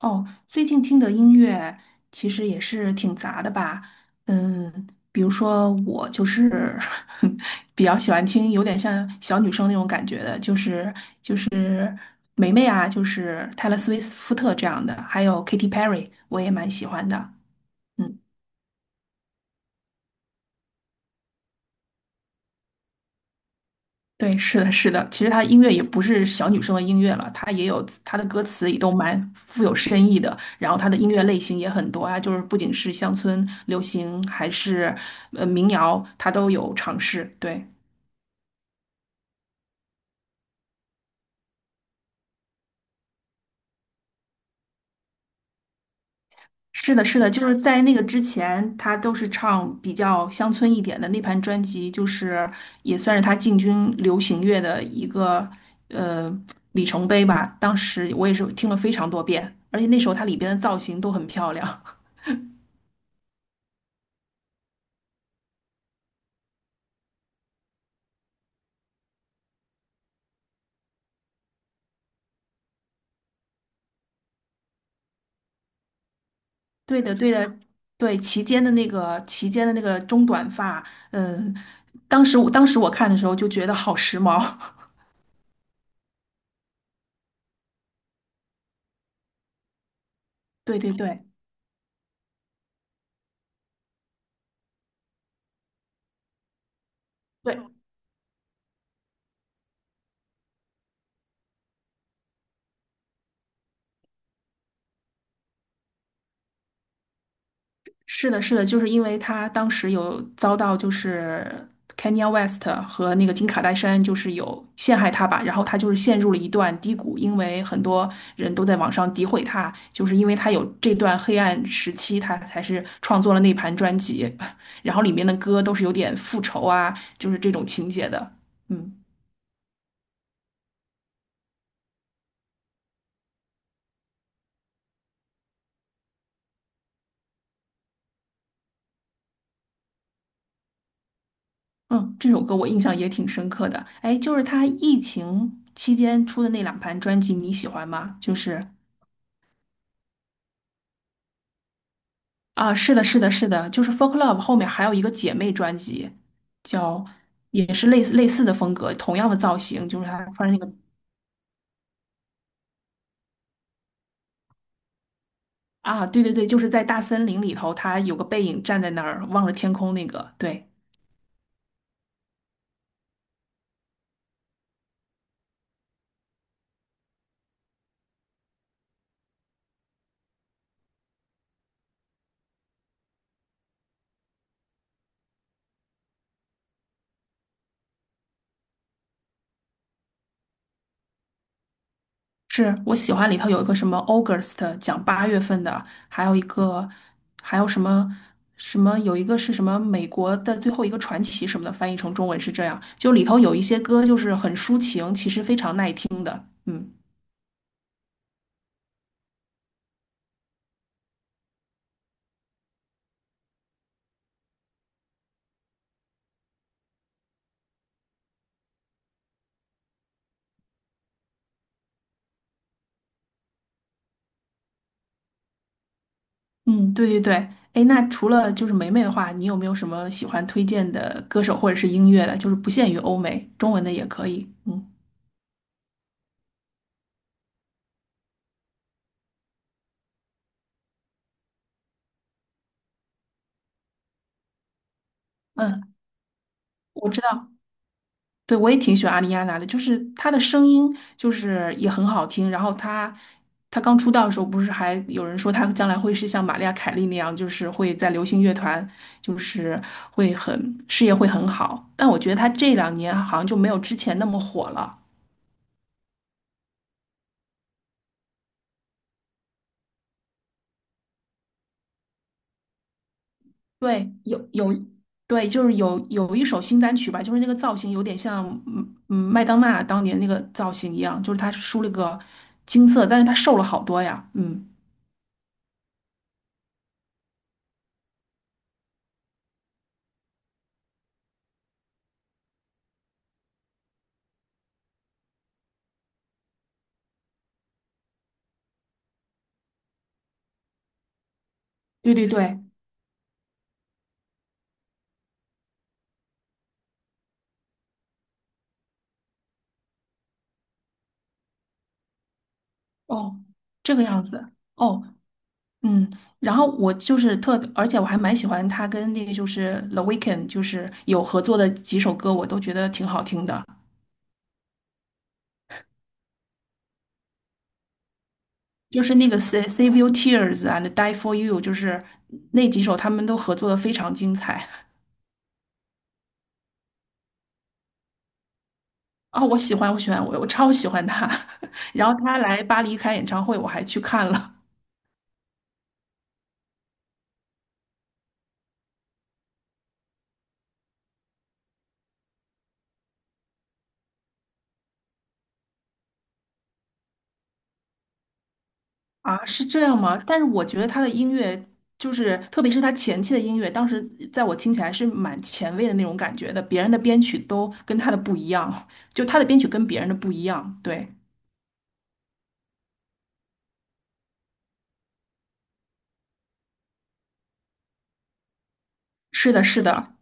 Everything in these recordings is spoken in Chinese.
哦，最近听的音乐其实也是挺杂的吧，嗯，比如说我比较喜欢听有点像小女生那种感觉的，就是霉霉啊，就是泰勒·斯威夫特这样的，还有 Katy Perry，我也蛮喜欢的。嗯。对，是的，是的。其实她音乐也不是小女生的音乐了，她也有她的歌词也都蛮富有深意的。然后她的音乐类型也很多啊，就是不仅是乡村流行，还是民谣，她都有尝试。对，是的，是的，就是在那个之前，她都是唱比较乡村一点的。那盘专辑就是也算是她进军流行乐的一个呃里程碑吧。当时我也是听了非常多遍，而且那时候她里边的造型都很漂亮。对的，对的，齐肩的那个中短发，嗯，当时我看的时候就觉得好时髦。对对对，是的，是的，就是因为他当时有遭到就是 Kanye West 和那个金卡戴珊就是有陷害他吧，然后他就是陷入了一段低谷，因为很多人都在网上诋毁他，就是因为他有这段黑暗时期，他才是创作了那盘专辑，然后里面的歌都是有点复仇啊，就是这种情节的，嗯。嗯，这首歌我印象也挺深刻的。哎，就是他疫情期间出的那两盘专辑，你喜欢吗？就是啊，是的，是的，是的，就是《Folk Love》后面还有一个姐妹专辑，叫也是类似的风格，同样的造型，就是他穿那个啊，对对对，就是在大森林里头，他有个背影站在那儿望着天空那个，对。是我喜欢里头有一个什么 August 讲八月份的，还有一个还有什么什么有一个是什么美国的最后一个传奇什么的，翻译成中文是这样。就里头有一些歌就是很抒情，其实非常耐听的。嗯嗯，对对对。哎，那除了就是梅梅的话，你有没有什么喜欢推荐的歌手或者是音乐的？就是不限于欧美，中文的也可以。嗯嗯，我知道。对，我也挺喜欢阿丽亚娜的，就是她的声音就是也很好听。然后她，她刚出道的时候，不是还有人说她将来会是像玛丽亚·凯莉那样，就是会在流行乐团，就是会很事业会很好。但我觉得她这两年好像就没有之前那么火了。对，有有，对，就是有有一首新单曲吧，就是那个造型有点像麦当娜当年那个造型一样，就是她梳了个金色，但是她瘦了好多呀。嗯，对对对，哦，这个样子。哦，嗯，然后我就是特别而且我还蛮喜欢他跟那个就是 The Weeknd，就是有合作的几首歌，我都觉得挺好听的。就是那个 Save Your Tears and Die for You，就是那几首他们都合作的非常精彩啊，我喜欢，我喜欢，我超喜欢他。然后他来巴黎开演唱会，我还去看了。啊，是这样吗？但是我觉得他的音乐，就是特别是他前期的音乐，当时在我听起来是蛮前卫的那种感觉的，别人的编曲都跟他的不一样，就他的编曲跟别人的不一样。对，是的，是的，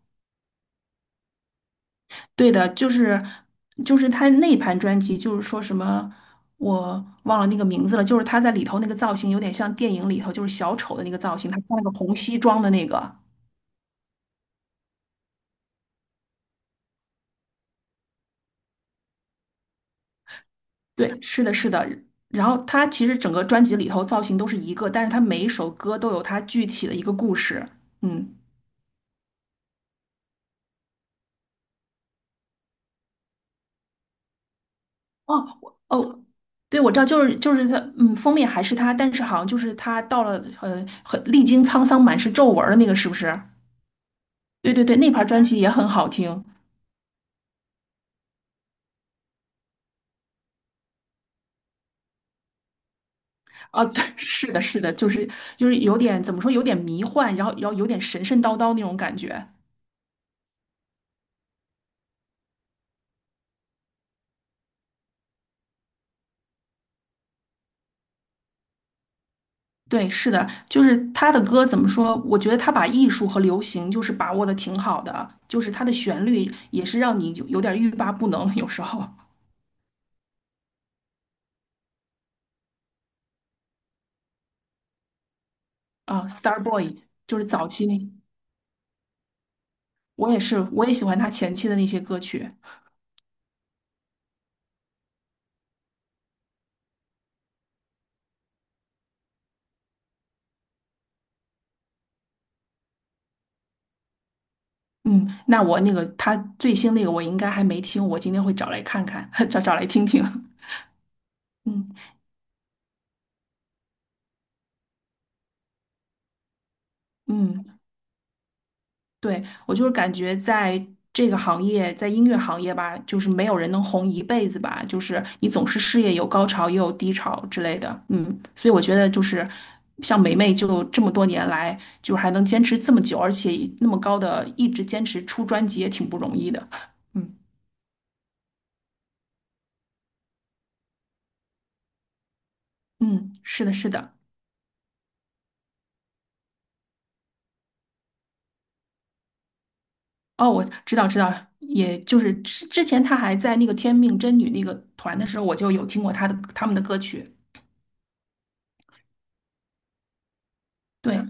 对的，就是他那一盘专辑，就是说什么我忘了那个名字了，就是他在里头那个造型有点像电影里头就是小丑的那个造型，他穿了个红西装的那个。对，是的，是的。然后他其实整个专辑里头造型都是一个，但是他每一首歌都有他具体的一个故事。嗯，哦，我哦，对，我知道，就是他，嗯，封面还是他，但是好像就是他到了，呃，很历经沧桑，满是皱纹儿的那个，是不是？对对对，那盘专辑也很好听啊。对是的，是的，就是就是有点怎么说，有点迷幻，然后有点神神叨叨那种感觉。对，是的，就是他的歌怎么说？我觉得他把艺术和流行就是把握的挺好的，就是他的旋律也是让你有有点欲罢不能，有时候啊，Star Boy 就是早期那，我也是，我也喜欢他前期的那些歌曲。嗯，那我那个他最新那个我应该还没听，我今天会找来看看，找来听听。嗯嗯，对，我就是感觉在这个行业，在音乐行业吧，就是没有人能红一辈子吧，就是你总是事业有高潮也有低潮之类的，嗯，所以我觉得就是像梅梅就这么多年来，就是还能坚持这么久，而且那么高的一直坚持出专辑也挺不容易的，嗯嗯，是的，是的，哦，我知道知道，也就是之前她还在那个天命真女那个团的时候，我就有听过她的他们的歌曲，对，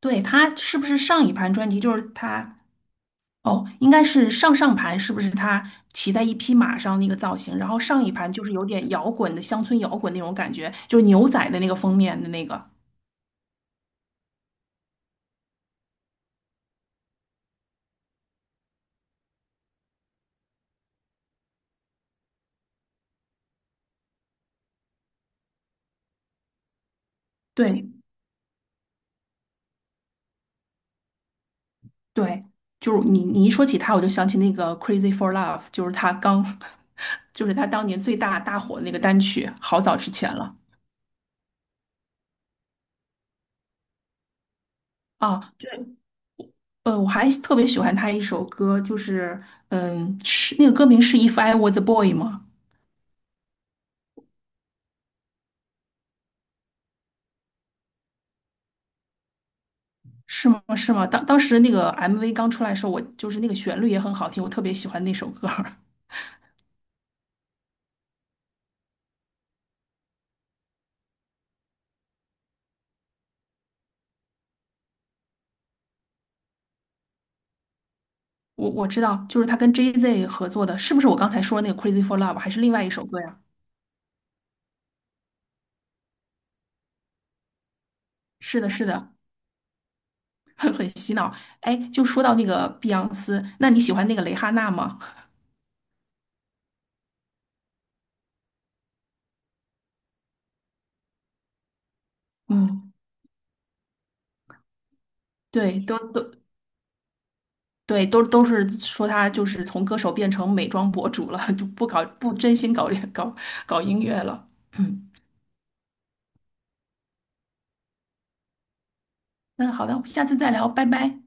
对，他是不是上一盘专辑就是他？哦，应该是上上盘，是不是他骑在一匹马上那个造型？然后上一盘就是有点摇滚的乡村摇滚那种感觉，就是牛仔的那个封面的那个。对对，就是你一说起他，我就想起那个《Crazy for Love》，就是他刚，就是他当年大火的那个单曲，好早之前了啊。呃，我还特别喜欢他一首歌，就是嗯，是那个歌名是《If I Was a Boy》吗？是吗？是吗？当时那个 MV 刚出来的时候，我就是那个旋律也很好听，我特别喜欢那首歌儿 我知道，就是他跟 JZ 合作的，是不是我刚才说的那个《Crazy for Love》，还是另外一首歌呀？是的，是的，很洗脑。哎，就说到那个碧昂斯，那你喜欢那个蕾哈娜吗？嗯，对，都都对，都都是说她就是从歌手变成美妆博主了，就不搞不真心搞搞音乐了。嗯，那好的，下次再聊，拜拜。